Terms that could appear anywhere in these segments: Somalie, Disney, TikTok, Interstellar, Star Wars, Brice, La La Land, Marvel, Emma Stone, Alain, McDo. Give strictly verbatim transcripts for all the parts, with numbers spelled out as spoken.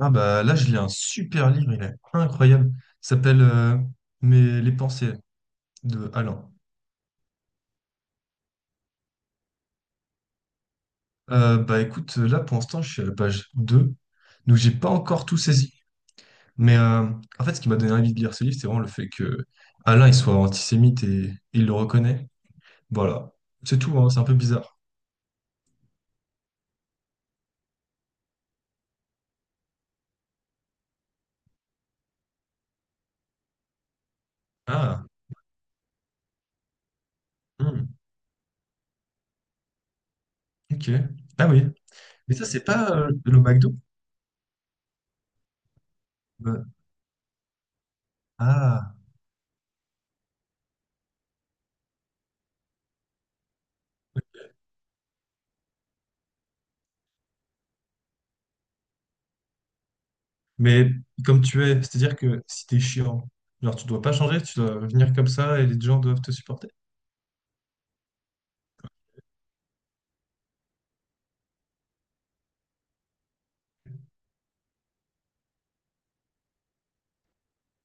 Ah bah là, je lis un super livre, il est incroyable. Il s'appelle euh, mes les pensées de Alain. Euh, bah écoute, là pour l'instant, je suis à la page deux donc j'ai pas encore tout saisi. Mais euh, en fait, ce qui m'a donné envie de lire ce livre, c'est vraiment le fait que Alain il soit antisémite et, et il le reconnaît. Voilà. C'est tout, hein, c'est un peu bizarre. Ah, hmm, ok. Ah oui. Mais ça, c'est pas euh, le McDo? Euh, ah. Mais comme tu es, c'est-à-dire que si t'es chiant, genre tu dois pas changer, tu dois venir comme ça et les gens doivent te supporter.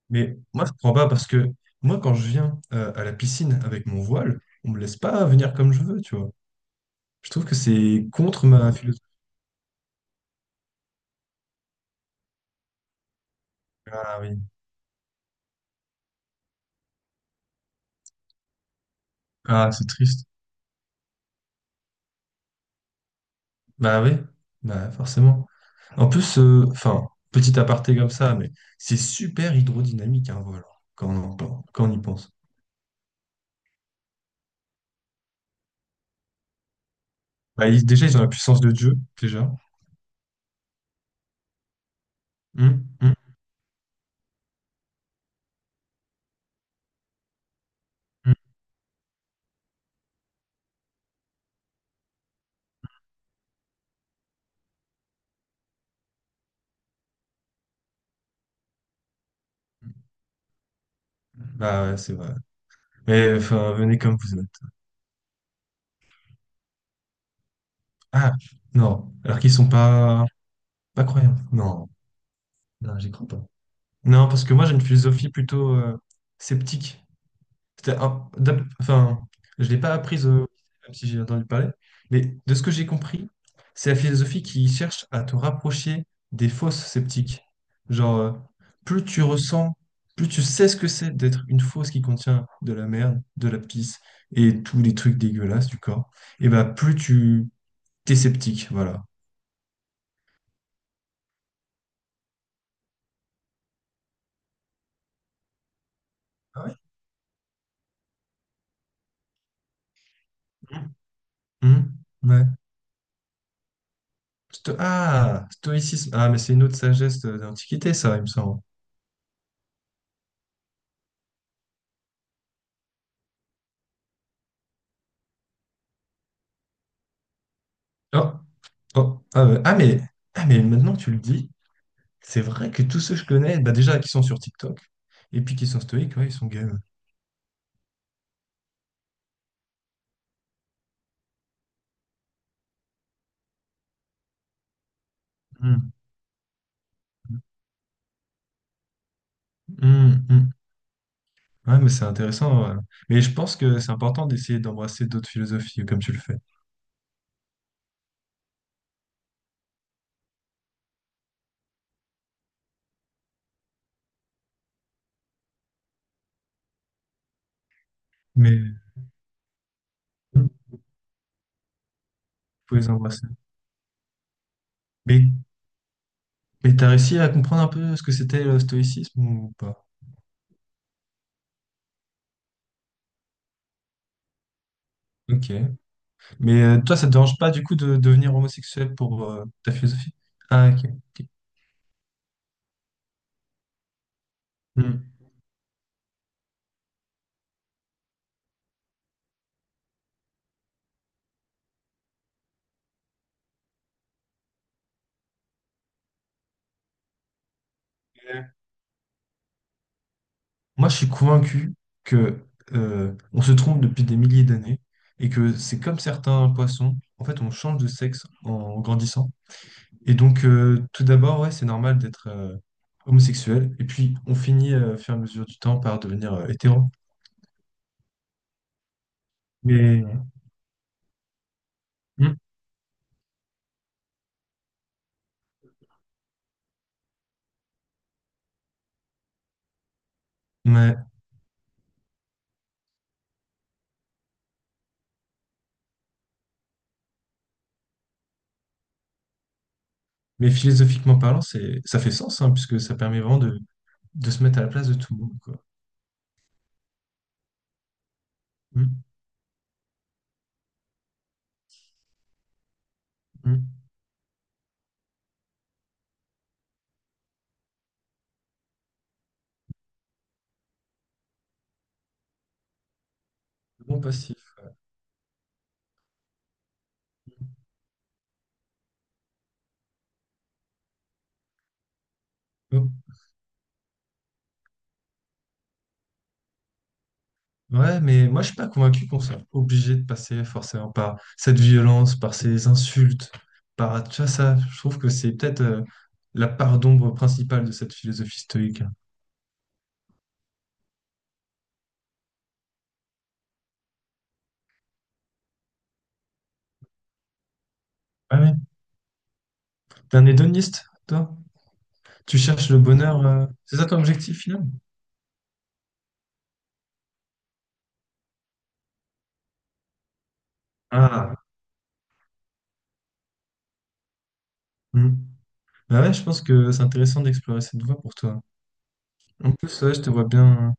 Mais moi, je comprends pas parce que moi, quand je viens euh, à la piscine avec mon voile, on me laisse pas venir comme je veux, tu vois. Je trouve que c'est contre ma philosophie. Ah oui. Ah, c'est triste. Bah oui, bah forcément. En plus, euh, enfin, petit aparté comme ça, mais c'est super hydrodynamique un voile, hein, quand on, en pen- quand on y pense. Bah, ils- déjà, ils ont la puissance de Dieu, déjà. Hum, hum, hum. Bah ouais, c'est vrai. Mais enfin, venez comme vous êtes. Ah, non. Alors qu'ils sont pas, pas croyants. Non, non, j'y crois pas. Non, parce que moi, j'ai une philosophie plutôt euh, sceptique. C'était un- d'ab- Enfin, je l'ai pas apprise, euh, même si j'ai entendu parler. Mais de ce que j'ai compris, c'est la philosophie qui cherche à te rapprocher des fausses sceptiques. Genre, euh, plus tu ressens, plus tu sais ce que c'est d'être une fausse qui contient de la merde, de la pisse et tous les trucs dégueulasses du corps et bah plus tu t'es sceptique, voilà. Ah ouais? Mhm. Ouais. Sto- ah, stoïcisme. Ah, mais c'est une autre sagesse de- d'Antiquité, ça, il me semble. Oh, oh, ah, ouais. Ah, mais, ah, mais maintenant que tu le dis, c'est vrai que tous ceux que je connais, bah, déjà, qui sont sur TikTok, et puis qui sont stoïques, ouais, ils sont game. Mhm. Mhm, mhm. Ouais, mais c'est intéressant, ouais. Mais je pense que c'est important d'essayer d'embrasser d'autres philosophies, comme tu le fais. Mais hmm, vous pouvez les embrasser. Mais, mais t'as réussi à comprendre un peu ce que c'était le stoïcisme ou pas? Ok. Mais euh, toi, ça te dérange pas du coup de devenir homosexuel pour euh, ta philosophie? Ah, ok. Ok. Hmm. Euh, moi, je suis convaincu que euh, on se trompe depuis des milliers d'années et que c'est comme certains poissons. En fait, on change de sexe en grandissant. Et donc, euh, tout d'abord, ouais, c'est normal d'être euh, homosexuel. Et puis, on finit, euh, au fur et à mesure du temps, par devenir euh, hétéro. Mais, mm, mais, mais philosophiquement parlant, c'est, ça fait sens, hein, puisque ça permet vraiment de, de se mettre à la place de tout le monde, quoi. Mm. Mm. Bon passif. Oh. Ouais, mais moi je suis pas convaincu qu'on soit obligé de passer forcément par cette violence, par ces insultes, par tu vois, ça. Je trouve que c'est peut-être euh, la part d'ombre principale de cette philosophie stoïque. Ah ouais. T'es un hédoniste, toi? Tu cherches le bonheur. euh, C'est ça ton objectif final? Ah. Hmm. Ah ouais, je pense que c'est intéressant d'explorer cette voie pour toi. En plus, ouais, je te vois bien. euh,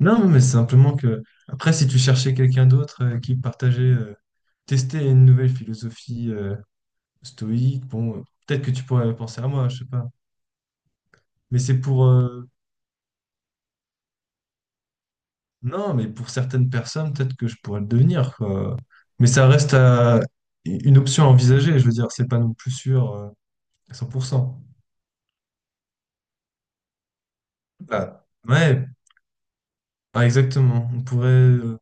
Non, mais c'est simplement que après, si tu cherchais quelqu'un d'autre euh, qui partageait, euh, testait une nouvelle philosophie. Euh, stoïque. Bon, euh, peut-être que tu pourrais penser à moi, je sais pas. Mais c'est pour... euh, Non, mais pour certaines personnes, peut-être que je pourrais le devenir, quoi. Mais ça reste à- une option à envisager, je veux dire, c'est pas non plus sûr euh, à cent pour cent. Bah, ouais, bah, exactement. On pourrait euh,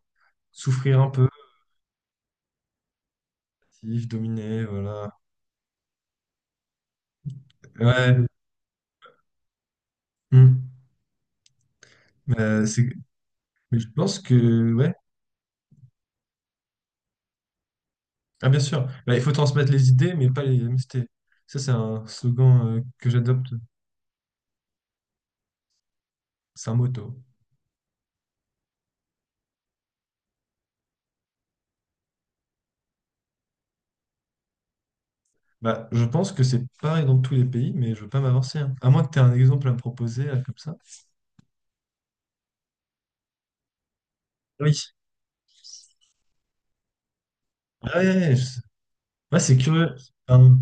souffrir un peu, si je voilà. Ouais. Hmm. Mais, euh, c'est- mais je pense que, ouais. Ah, bien sûr. Bah, il faut transmettre les idées, mais pas les M S T. Ça, c'est un slogan euh, que j'adopte. C'est un motto. Bah, je pense que c'est pareil dans tous les pays, mais je veux pas m'avancer, hein. À moins que tu aies un exemple à me proposer, là, comme ça. Oui. Ah ouais, ouais, je- sais. Ouais, c'est curieux. Enfin,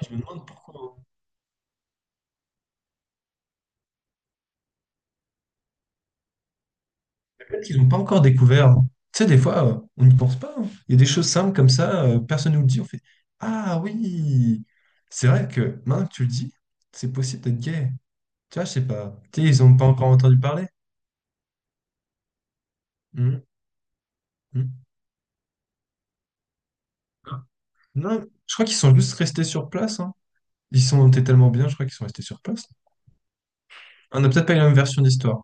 je me demande pourquoi. Peut-être qu'ils n'ont pas encore découvert, hein. Tu sais, des fois, euh, on n'y pense pas, hein. Il y a des choses simples comme ça, euh, personne ne nous le dit. On fait ah oui! C'est vrai que maintenant que tu le dis, c'est possible d'être gay. Tu vois, je sais pas. Tu sais, ils n'ont pas encore entendu parler. Mhm, mhm. Non, je crois qu'ils sont juste restés sur place, hein. Ils sont étaient tellement bien, je crois qu'ils sont restés sur place. On n'a peut-être pas eu la même version d'histoire.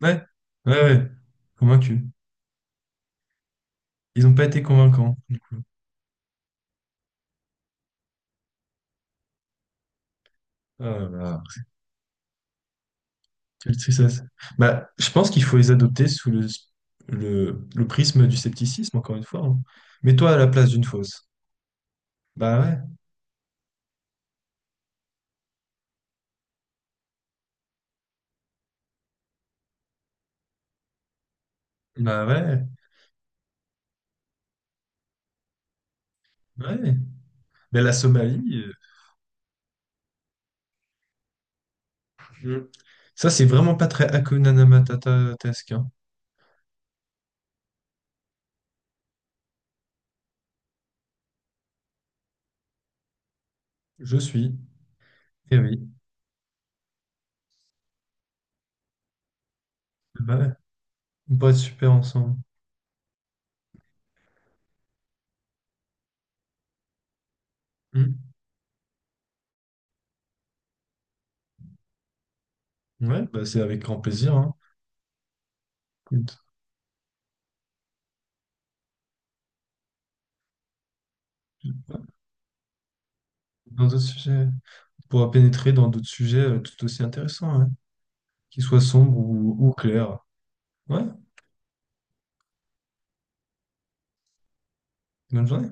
Ouais, ouais, ouais. Convaincu. Ils n'ont pas été convaincants, du coup. Ah là là, quelle tristesse. Bah, je pense qu'il faut les adopter sous le, le, le prisme du scepticisme, encore une fois, hein. Mets-toi à la place d'une fausse. Bah ouais, bah ouais, ouais. Mais la Somalie, euh, mm. ça c'est vraiment pas très Hakuna Matata-tesque, hein. Je suis. Eh oui. Bah ouais, on pourrait être super ensemble. Mm. Ouais, bah c'est avec grand plaisir, hein. Écoute, ouais, dans d'autres sujets. Pourra pénétrer dans d'autres sujets euh, tout aussi intéressants, hein, qu'ils soient sombres ou, ou clairs. Ouais, bonne journée.